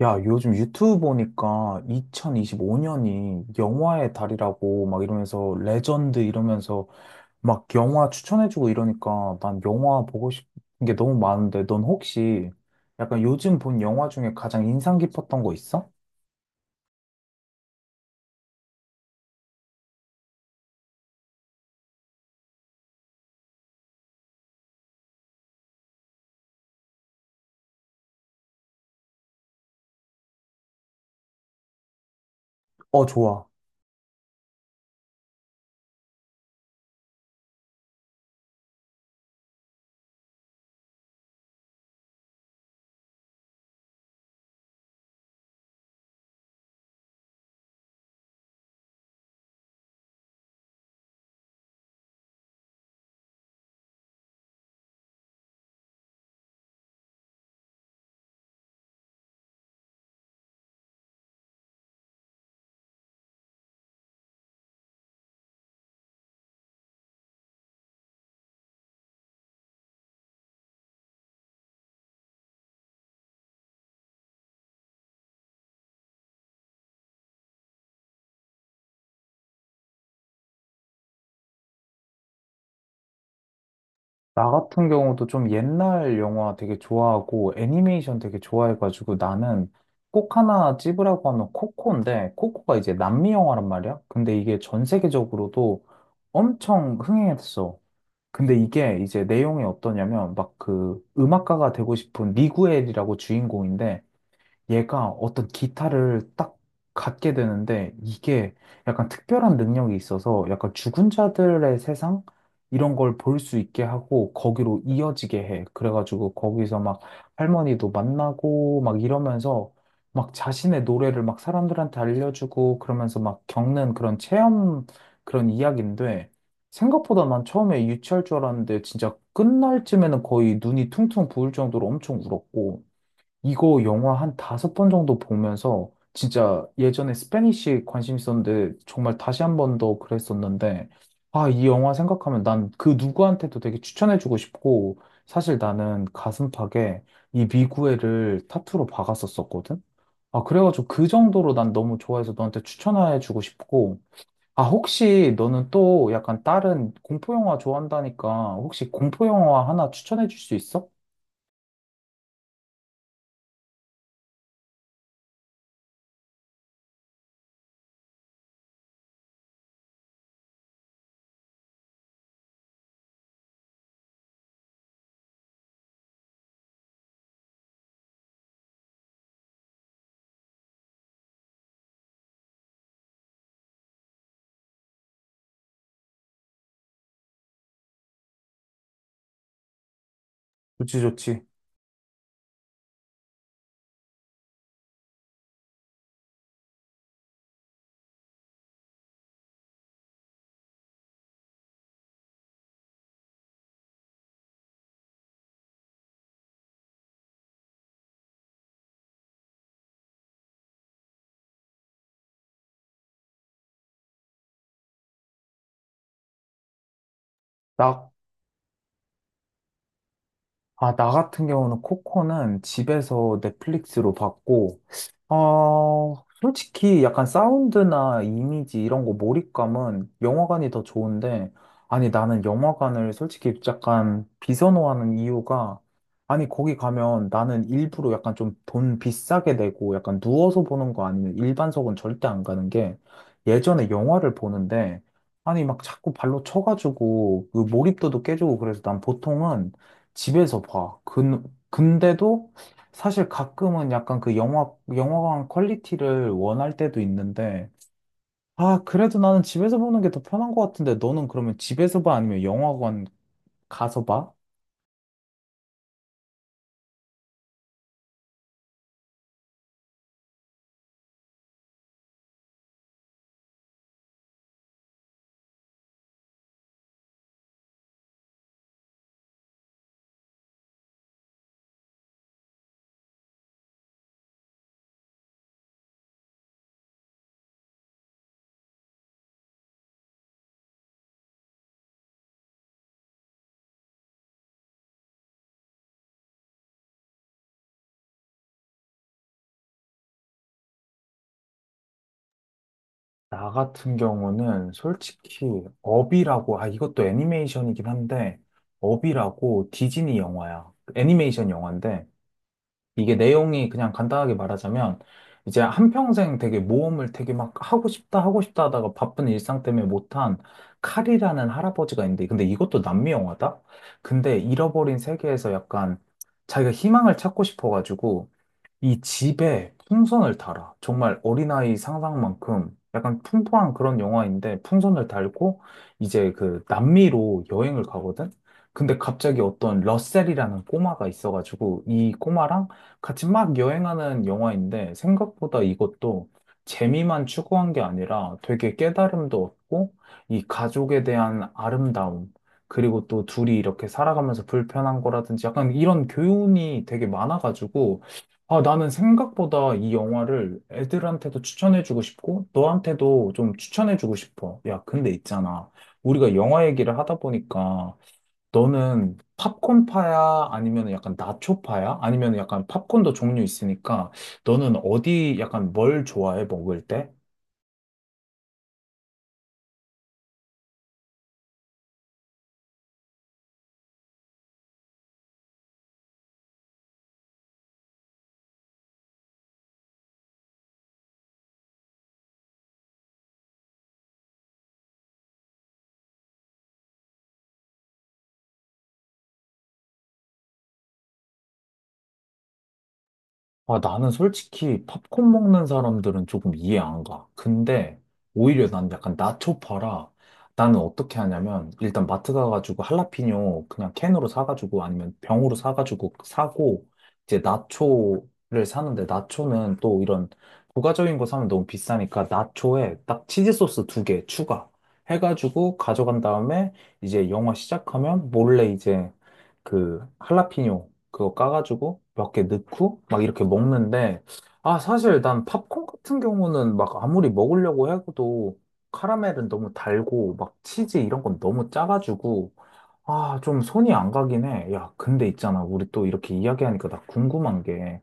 야, 요즘 유튜브 보니까 2025년이 영화의 달이라고 막 이러면서 레전드 이러면서 막 영화 추천해주고 이러니까 난 영화 보고 싶은 게 너무 많은데 넌 혹시 약간 요즘 본 영화 중에 가장 인상 깊었던 거 있어? 어, 좋아. 나 같은 경우도 좀 옛날 영화 되게 좋아하고 애니메이션 되게 좋아해가지고 나는 꼭 하나 찝으라고 하면 코코인데, 코코가 이제 남미 영화란 말이야. 근데 이게 전 세계적으로도 엄청 흥행했어. 근데 이게 이제 내용이 어떠냐면 막 그 음악가가 되고 싶은 미구엘이라고 주인공인데, 얘가 어떤 기타를 딱 갖게 되는데, 이게 약간 특별한 능력이 있어서 약간 죽은 자들의 세상 이런 걸 볼 수 있게 하고 거기로 이어지게 해. 그래가지고 거기서 막 할머니도 만나고 막 이러면서 막 자신의 노래를 막 사람들한테 알려주고 그러면서 막 겪는 그런 체험, 그런 이야기인데, 생각보다 난 처음에 유치할 줄 알았는데 진짜 끝날 쯤에는 거의 눈이 퉁퉁 부을 정도로 엄청 울었고, 이거 영화 한 5번 정도 보면서 진짜 예전에 스페니쉬 관심 있었는데 정말 다시 한 번 더 그랬었는데, 아, 이 영화 생각하면 난 그 누구한테도 되게 추천해주고 싶고, 사실 나는 가슴팍에 이 미구애를 타투로 박았었었거든? 아, 그래가지고 그 정도로 난 너무 좋아해서 너한테 추천해주고 싶고, 아, 혹시 너는 또 약간 다른 공포영화 좋아한다니까 혹시 공포영화 하나 추천해줄 수 있어? 좋지, 좋지. 나 아, 나 같은 경우는 코코는 집에서 넷플릭스로 봤고, 어, 솔직히 약간 사운드나 이미지 이런 거 몰입감은 영화관이 더 좋은데, 아니, 나는 영화관을 솔직히 약간 비선호하는 이유가, 아니, 거기 가면 나는 일부러 약간 좀 돈 비싸게 내고 약간 누워서 보는 거 아니면 일반석은 절대 안 가는 게, 예전에 영화를 보는데, 아니, 막 자꾸 발로 쳐가지고 그 몰입도도 깨지고 그래서 난 보통은 집에서 봐. 근데도 사실 가끔은 약간 그 영화관 퀄리티를 원할 때도 있는데, 아, 그래도 나는 집에서 보는 게 더 편한 것 같은데, 너는 그러면 집에서 봐? 아니면 영화관 가서 봐? 나 같은 경우는 솔직히 업이라고, 아, 이것도 애니메이션이긴 한데, 업이라고 디즈니 영화야. 애니메이션 영화인데, 이게 내용이 그냥 간단하게 말하자면 이제 한평생 되게 모험을 되게 막 하고 싶다 하고 싶다 하다가 바쁜 일상 때문에 못한 칼이라는 할아버지가 있는데, 근데 이것도 남미 영화다? 근데 잃어버린 세계에서 약간 자기가 희망을 찾고 싶어가지고 이 집에 풍선을 달아. 정말 어린아이 상상만큼 약간 풍부한 그런 영화인데, 풍선을 달고 이제 그 남미로 여행을 가거든? 근데 갑자기 어떤 러셀이라는 꼬마가 있어가지고 이 꼬마랑 같이 막 여행하는 영화인데, 생각보다 이것도 재미만 추구한 게 아니라 되게 깨달음도 얻고 이 가족에 대한 아름다움, 그리고 또 둘이 이렇게 살아가면서 불편한 거라든지 약간 이런 교훈이 되게 많아가지고, 아, 나는 생각보다 이 영화를 애들한테도 추천해주고 싶고, 너한테도 좀 추천해주고 싶어. 야, 근데 있잖아, 우리가 영화 얘기를 하다 보니까, 너는 팝콘파야? 아니면 약간 나초파야? 아니면 약간 팝콘도 종류 있으니까, 너는 어디 약간 뭘 좋아해, 먹을 때? 아, 나는 솔직히 팝콘 먹는 사람들은 조금 이해 안 가. 근데 오히려 난 약간 나초 파라. 나는 어떻게 하냐면 일단 마트 가가지고 할라피뇨 그냥 캔으로 사가지고 아니면 병으로 사가지고 사고, 이제 나초를 사는데, 나초는 또 이런 부가적인 거 사면 너무 비싸니까 나초에 딱 치즈 소스 2개 추가 해가지고 가져간 다음에 이제 영화 시작하면 몰래 이제 그 할라피뇨 그거 까가지고 몇 개 넣고 막 이렇게 먹는데, 아, 사실 난 팝콘 같은 경우는 막 아무리 먹으려고 해도 카라멜은 너무 달고 막 치즈 이런 건 너무 짜가지고, 아, 좀 손이 안 가긴 해. 야, 근데 있잖아, 우리 또 이렇게 이야기하니까 나 궁금한 게,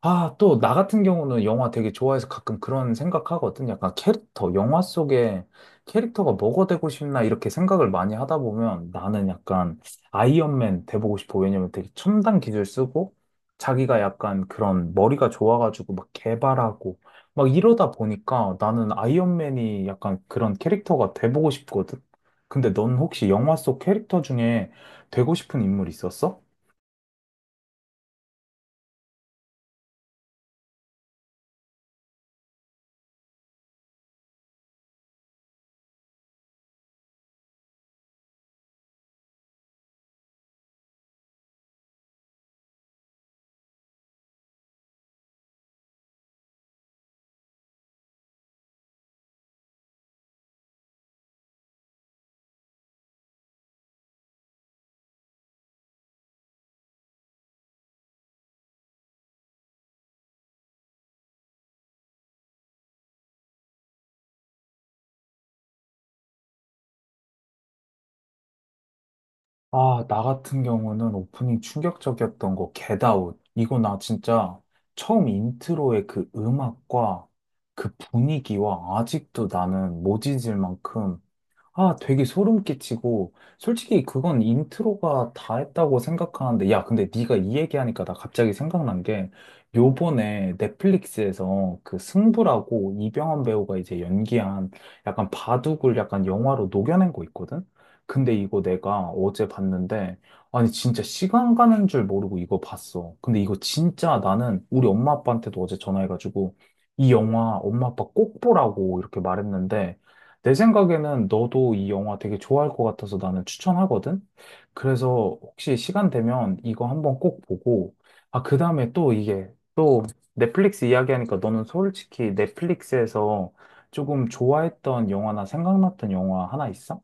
아, 또, 나 같은 경우는 영화 되게 좋아해서 가끔 그런 생각하거든. 약간 캐릭터, 영화 속에 캐릭터가 뭐가 되고 싶나 이렇게 생각을 많이 하다 보면 나는 약간 아이언맨 돼보고 싶어. 왜냐면 되게 첨단 기술 쓰고 자기가 약간 그런 머리가 좋아가지고 막 개발하고 막 이러다 보니까 나는 아이언맨이 약간 그런 캐릭터가 돼보고 싶거든. 근데 넌 혹시 영화 속 캐릭터 중에 되고 싶은 인물 있었어? 아, 나 같은 경우는 오프닝 충격적이었던 거, Get Out. 이거 나 진짜 처음 인트로의 그 음악과 그 분위기와 아직도 나는 못 잊을 만큼, 아, 되게 소름 끼치고, 솔직히 그건 인트로가 다 했다고 생각하는데, 야, 근데 네가 이 얘기하니까 나 갑자기 생각난 게, 요번에 넷플릭스에서 그 승부라고 이병헌 배우가 이제 연기한 약간 바둑을 약간 영화로 녹여낸 거 있거든? 근데 이거 내가 어제 봤는데, 아니, 진짜 시간 가는 줄 모르고 이거 봤어. 근데 이거 진짜 나는 우리 엄마 아빠한테도 어제 전화해가지고, 이 영화 엄마 아빠 꼭 보라고 이렇게 말했는데, 내 생각에는 너도 이 영화 되게 좋아할 것 같아서 나는 추천하거든? 그래서 혹시 시간 되면 이거 한번 꼭 보고, 아, 그 다음에 또 이게, 또 넷플릭스 이야기하니까 너는 솔직히 넷플릭스에서 조금 좋아했던 영화나 생각났던 영화 하나 있어?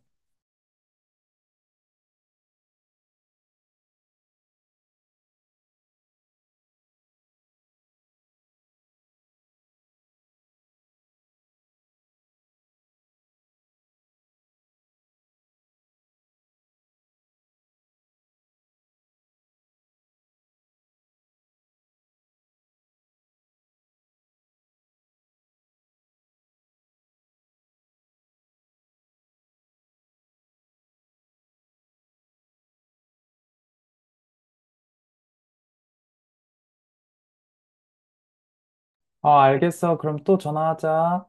아, 알겠어. 그럼 또 전화하자.